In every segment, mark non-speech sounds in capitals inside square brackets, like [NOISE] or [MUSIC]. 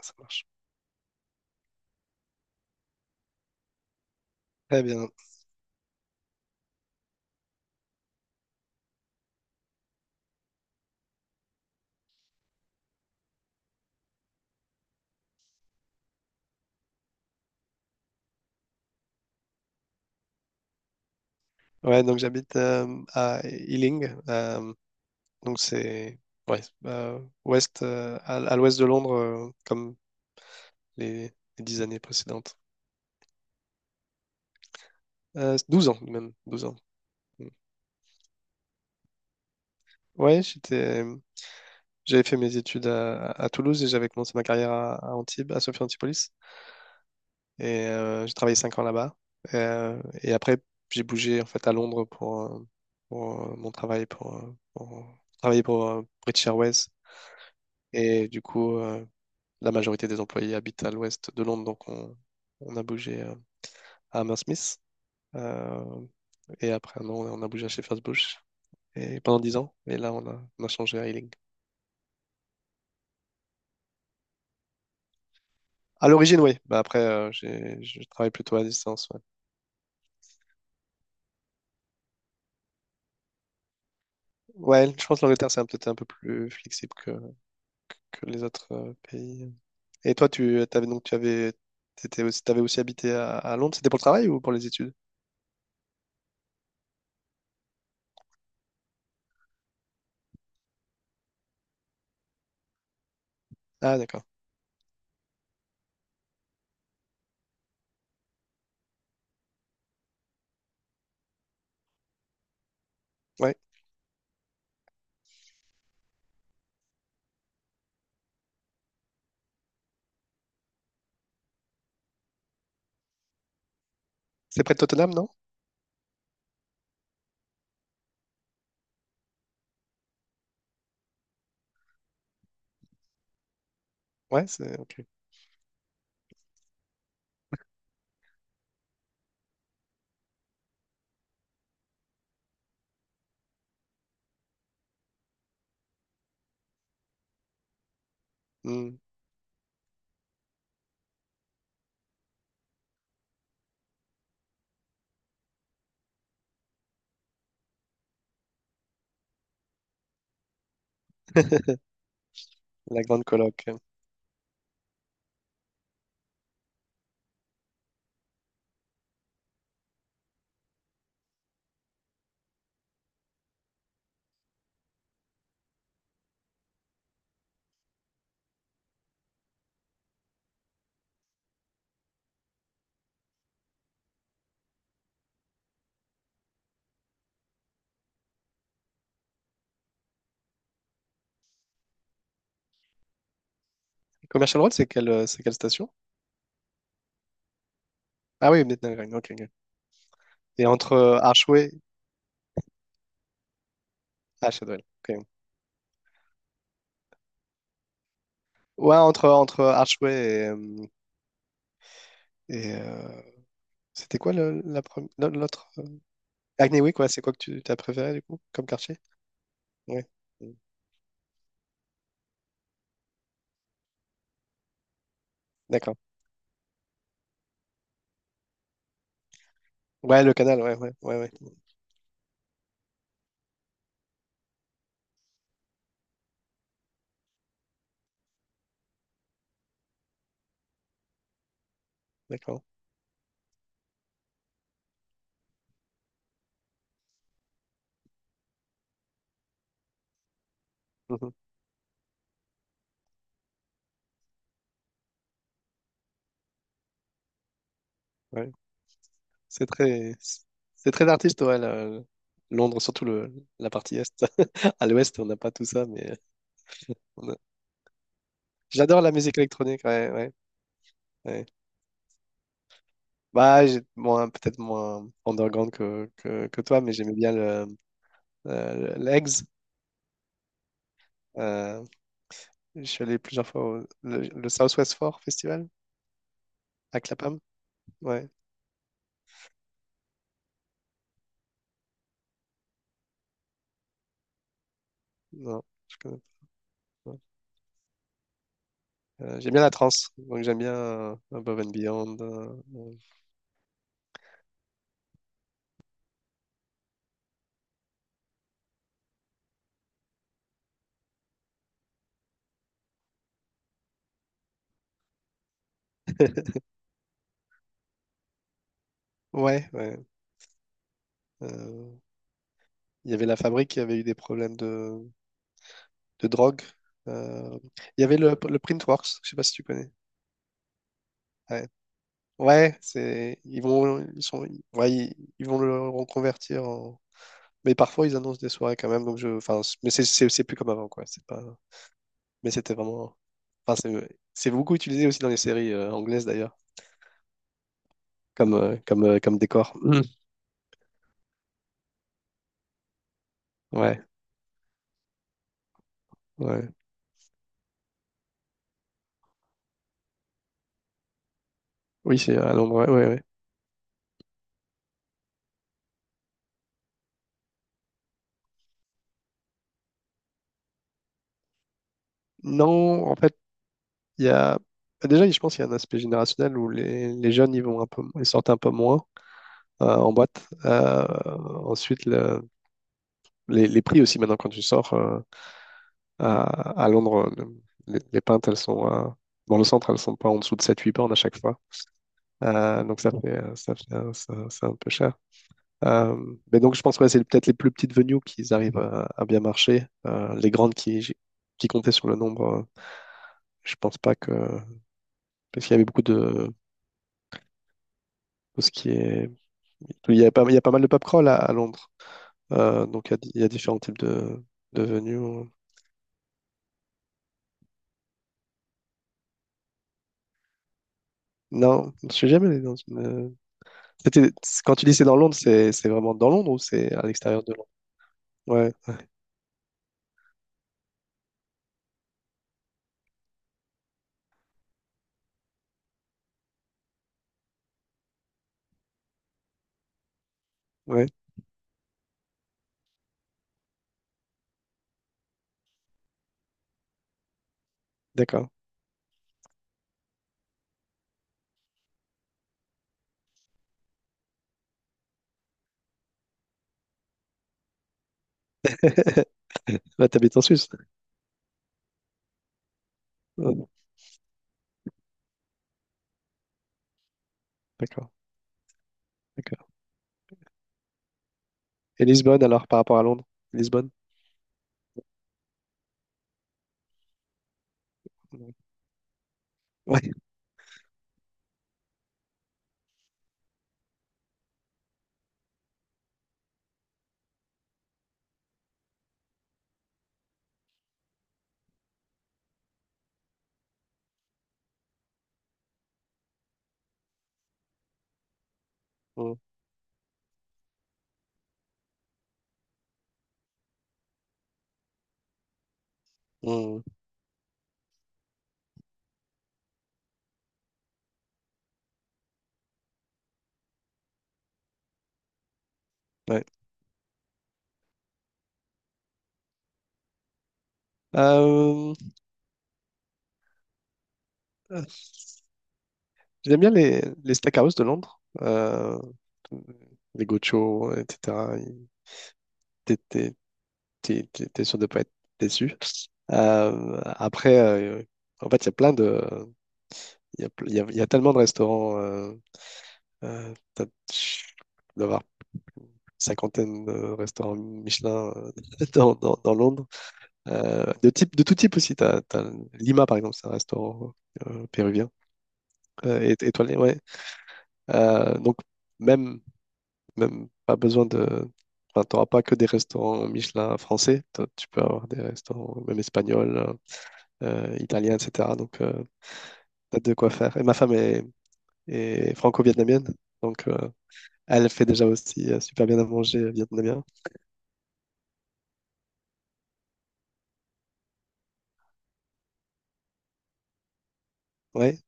Ça marche. Très bien. Ouais, donc j'habite à Ealing. Donc c'est, ouais, ouest, à l'ouest de Londres, comme les, les 10 années précédentes. 12 ans même, 12 ans. Mm. Ouais, j'avais fait mes études à Toulouse et j'avais commencé ma carrière à Antibes, à Sophie Antipolis. Et j'ai travaillé 5 ans là-bas. Et après, j'ai bougé en fait à Londres pour mon travail, pour pour travailler pour British Airways. Et du coup, la majorité des employés habitent à l'ouest de Londres, donc on a bougé à Hammersmith. Euh, et après un an, on a bougé à Shepherd's Bush. Et pendant 10 ans, et là, on a changé à Ealing. À l'origine, oui. Bah après, je travaille plutôt à distance. Ouais. Ouais, je pense que l'Angleterre, c'est peut-être un peu plus flexible que les autres pays. Et toi, tu avais donc tu avais, t'étais aussi, t'avais aussi habité à Londres. C'était pour le travail ou pour les études? Ah, d'accord. Ouais. C'est près de Tottenham, non? Ouais, c'est ok. Hmm. [LAUGHS] La grande coloc. Commercial Road, c'est quelle station? Ah oui, Midnight Ring, ok, ok. Et entre Archway. Ah, Shadwell, ok. Ouais, entre Archway et, c'était quoi la première. L'autre. Hackney Wick, ouais, c'est quoi que tu as préféré, du coup, comme quartier? Ouais. Mm. D'accord. Ouais, le canal, ouais, ouais, ouais, ouais. D'accord. Mhm. Ouais. C'est très, c'est très artiste, ouais, Londres, surtout la partie est. [LAUGHS] À l'ouest, on n'a pas tout ça, mais on a- j'adore la musique électronique, ouais, ouais, ouais. Bah, j'ai moins, peut-être moins underground que toi, mais j'aimais bien l'Eggs. Euh, je suis allé plusieurs fois au le Southwest Four Festival à Clapham. Ouais, non, je connais pas. J'aime bien la trance, donc j'aime bien Above and Beyond. euh, [LAUGHS] Ouais, ouais. Euh, il y avait la fabrique qui avait eu des problèmes de drogue. Euh, il y avait le Printworks, je sais pas si tu connais. Ouais, ouais, c'est ils vont ils sont ouais, ils vont le reconvertir en, mais parfois ils annoncent des soirées quand même donc je, mais c'est plus comme avant, quoi, c'est pas. Mais c'était vraiment. Enfin, c'est beaucoup utilisé aussi dans les séries anglaises d'ailleurs, comme décor. Mm. Ouais, ouais. Oui, c'est à Londres, ouais, ouais, ouais. Non, en fait, il y a. Bah, déjà, je pense qu'il y a un aspect générationnel où les jeunes, ils sortent un peu moins en boîte. Ensuite, les prix aussi, maintenant, quand tu sors à Londres, les pintes, elles sont. Dans le centre, elles sont pas en dessous de sept huit pounds à chaque fois. Donc, ça fait, un- ça- c'est un peu cher. Mais donc, je pense que, ouais, c'est peut-être les plus petites venues qui arrivent à bien marcher. Les grandes qui comptaient sur le nombre, je pense pas que. Parce qu'il y avait beaucoup de. Tout ce qui est... Il y a pas mal de pub crawl à Londres. Donc, il y a différents types de venues. Non, je suis jamais allé dans une. C'était- Quand tu dis c'est dans Londres, c'est vraiment dans Londres ou c'est à l'extérieur de Londres? Ouais, ouais, d'accord. Là, t'habites en Suisse. Ouais, d'accord, d'accord. Et Lisbonne, alors, par rapport à Londres? Lisbonne? Ouais. Mm, mm. Ouais. Euh, euh, J'aime bien les steakhouse de Londres, les gochos, etc. T'es t'es- T'es sûr de ne pas être déçu. Après, en fait, il y a plein de... Il y a tellement de restaurants. Euh, t'as- je dois avoir cinquantaine de restaurants Michelin [LAUGHS] dans Londres. De type, de tout type aussi. T'as Lima, par exemple, c'est un restaurant péruvien. Étoilé, ouais. Donc, même, même pas besoin de. Enfin, tu n'auras pas que des restaurants Michelin français. Tu peux avoir des restaurants même espagnols, italiens, etc. Donc, t'as de quoi faire. Et ma femme est franco-vietnamienne. Donc, elle fait déjà aussi super bien à manger vietnamien. Ouais.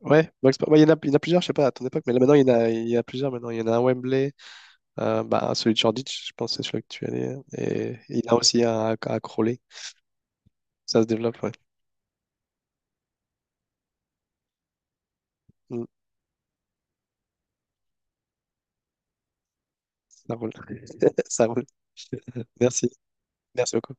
Ouais, ouais, il y en a plusieurs, je sais pas, à ton époque, mais là maintenant, il y en a plusieurs maintenant. Il y en a un à Wembley, bah, celui de Shoreditch, je pense, c'est celui que tu es allé. Et il y en a aussi un à Crawley. Ça se développe, ouais. Mm, ça roule. [LAUGHS] Ça roule. Merci. Merci beaucoup.